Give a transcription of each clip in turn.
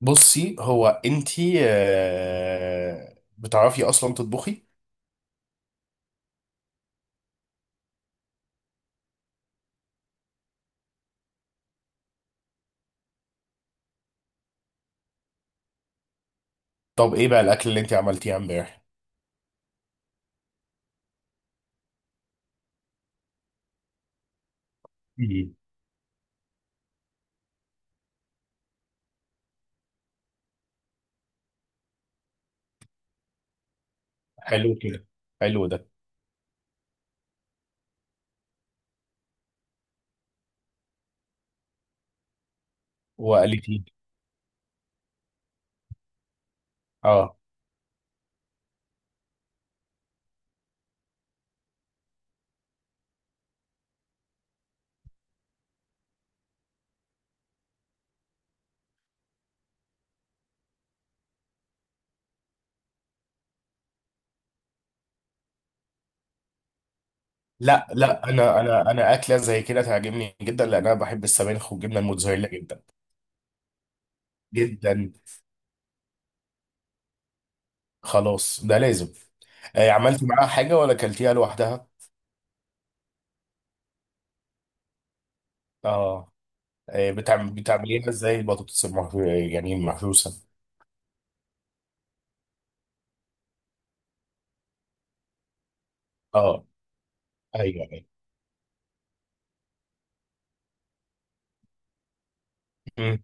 بصي هو انتي بتعرفي اصلا تطبخي؟ طب ايه بقى الاكل اللي انتي عملتيه امبارح؟ مم. حلو كده. حلو ده. وقالتي. اه، لا لا، انا اكله زي كده تعجبني جدا لان انا بحب السبانخ والجبنه الموتزاريلا جدا جدا. خلاص ده لازم. آه، عملتي معاها حاجه ولا اكلتيها لوحدها؟ اه. آه، بتعمليها ازاي البطاطس المحروسه؟ يعني المحروسه؟ اه. ايوه. ايوه.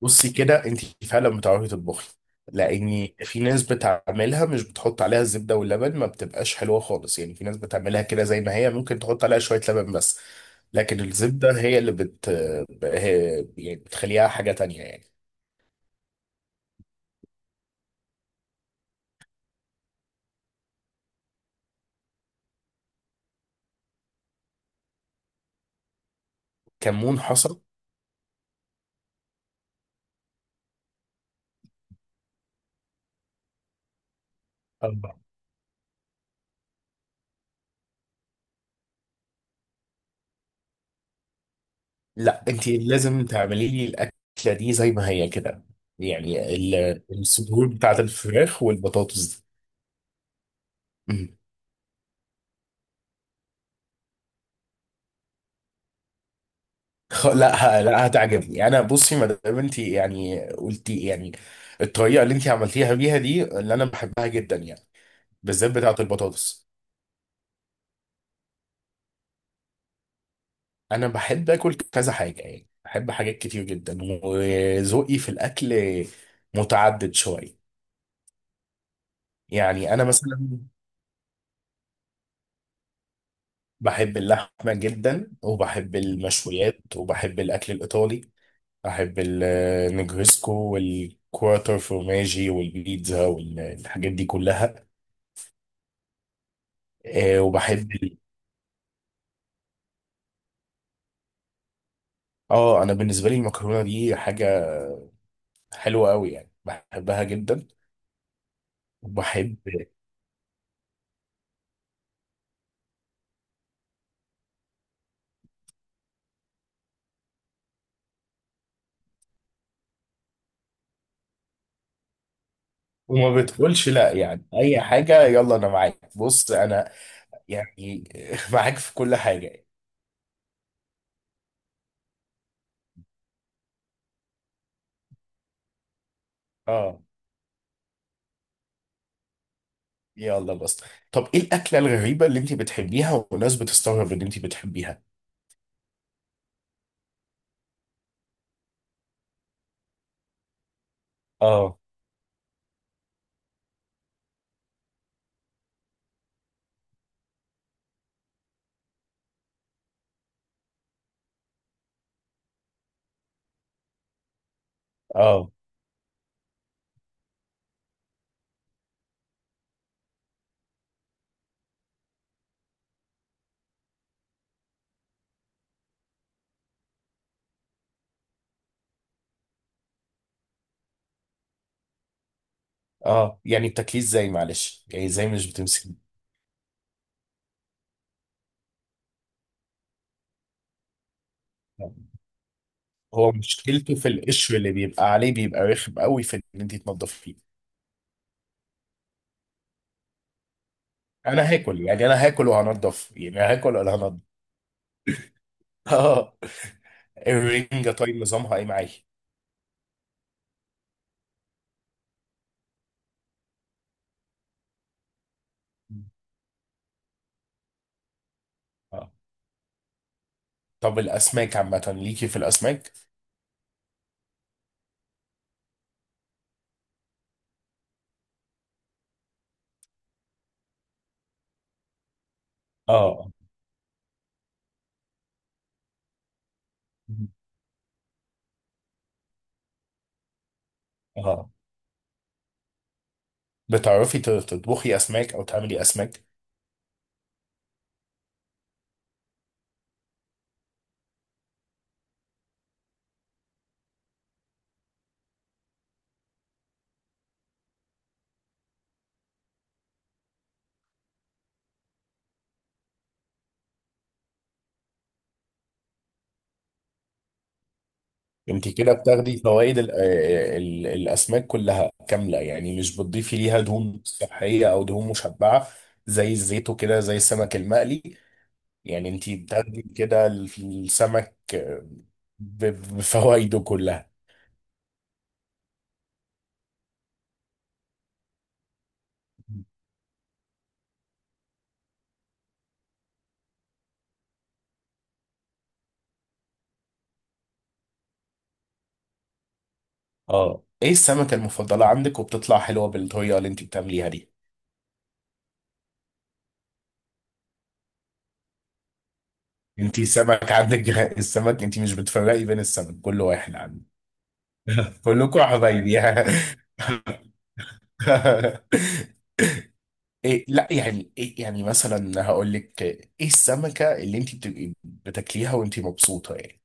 بصي كده انت فعلا بتعرفي تطبخي. لاني في ناس بتعملها مش بتحط عليها الزبده واللبن ما بتبقاش حلوه خالص، يعني في ناس بتعملها كده زي ما هي ممكن تحط عليها شويه لبن بس. لكن الزبده هي اللي هي يعني بتخليها حاجه تانية يعني. كمون حصل. أربعة. لا، انت لازم تعملي لي الاكله دي زي ما هي كده، يعني الصدور بتاعت الفراخ والبطاطس دي. لا هتعجبني انا. بصي ما دام انت يعني قلتي، يعني الطريقه اللي انت عملتيها بيها دي اللي انا بحبها جدا يعني، بالذات بتاعه البطاطس. انا بحب اكل كذا حاجه، يعني بحب حاجات كتير جدا، وذوقي في الاكل متعدد شويه. يعني انا مثلا بحب اللحمه جدا وبحب المشويات وبحب الاكل الايطالي. بحب النجريسكو والكوارتر فورماجي والبيتزا والحاجات دي كلها. وبحب. اه، انا بالنسبه لي المكرونه دي حاجه حلوه قوي يعني بحبها جدا. وبحب. وما بتقولش لا، يعني اي حاجه يلا انا معاك. بص انا يعني معاك في كل حاجه يعني، اه، يلا بس. طب ايه الاكله الغريبه اللي انت بتحبيها والناس بتستغرب ان انت بتحبيها؟ اه، اه، اه. يعني بتاكليه ازاي معلش، يعني ازاي مش بتمسكي؟ هو مشكلته في القشر اللي بيبقى عليه بيبقى رخم قوي في ان انت تنضفيه. انا هاكل يعني انا هاكل وهنضف، يعني هاكل ولا هنضف؟ اه. الرنجة طيب نظامها ايه معايا؟ اه. طب الاسماك عامة ليكي في الاسماك؟ اه، اه، بتعرفي تطبخي اسماك او تعملي اسماك؟ انت كده بتاخدي فوائد الاسماك كلها كاملة، يعني مش بتضيفي ليها دهون صحية او دهون مشبعة زي الزيت وكده زي السمك المقلي. يعني انت بتاخدي كده السمك ب- بفوائده كلها. اه، ايه السمكة المفضلة عندك وبتطلع حلوة بالطريقة اللي انت بتعمليها دي؟ انت سمك عندك السمك، انت مش بتفرقي بين السمك، كله واحد عندك؟ كلكم حبايبي إيه، لا يعني إيه، يعني مثلا هقول لك ايه السمكة اللي انت بتبقي بتاكليها وانت مبسوطة يعني؟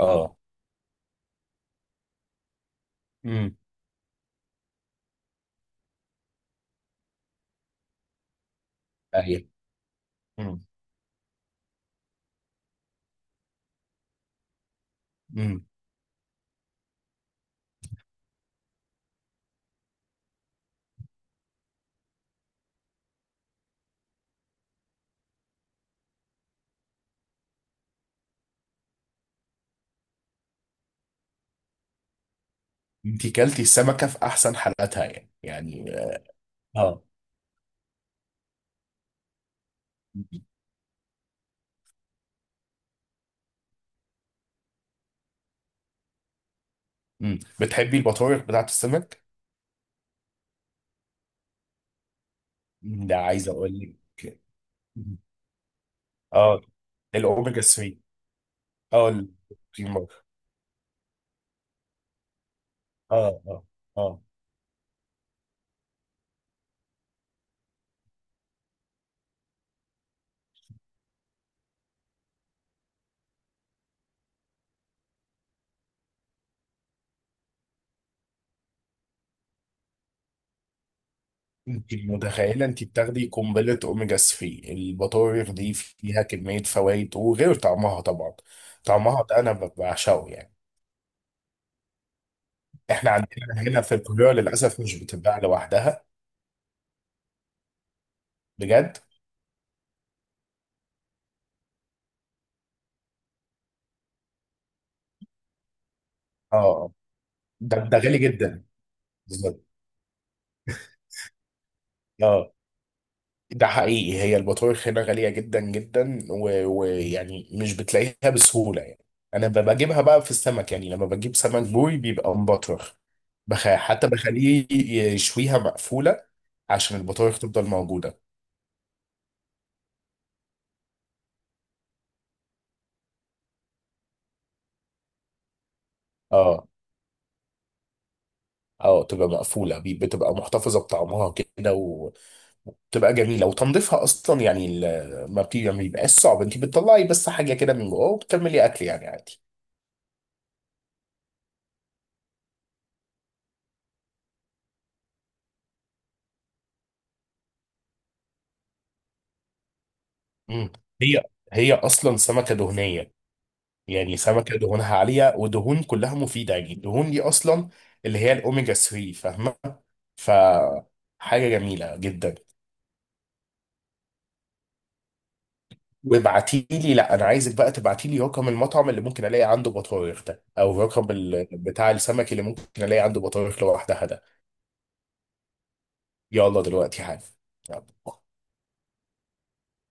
اه. امم. ايوه. امم. امم. انت كلتي السمكة في احسن حالاتها يعني؟ اه. امم. بتحبي البطاريق بتاعت السمك؟ ده عايز اقول لك. اه، الاوميجا 3. اه، البروتين بار. اه، اه، اه. انت متخيله انت بتاخدي قنبله اوميجا 3؟ البطاريق دي فيها كميه فوائد وغير طعمها طبعا. طعمها ده انا بعشقه يعني. احنا عندنا هنا في القاهره للاسف مش بتتباع لوحدها. بجد. اه، آه. ده غالي جدا. بالظبط. اه، ده حقيقي، هي البطارخ هنا غالية جدا جدا، ويعني مش بتلاقيها بسهولة يعني. أنا بجيبها بقى في السمك، يعني لما بجيب سمك بوري بيبقى مبطرخ. حتى بخليه يشويها مقفولة عشان البطارخ تفضل موجودة. اه، اه، تبقى مقفولة، بتبقى محتفظة بطعمها كده وتبقى جميلة. وتنظيفها أصلا، يعني ما بيبقاش صعب. أنت بتطلعي بس حاجة كده من جوه وبتكملي أكل يعني عادي. مم. هي هي أصلا سمكة دهنية. يعني سمكة دهونها عالية ودهون كلها مفيدة، يعني الدهون دي أصلا اللي هي الأوميجا 3، فاهمة؟ ف حاجة جميلة جدا. وابعتي لي. لا، أنا عايزك بقى تبعتي لي رقم المطعم اللي ممكن ألاقي عنده بطارخ ده، أو رقم بتاع السمك اللي ممكن ألاقي عنده بطارخ لوحدها ده. يلا دلوقتي حالا. يلا.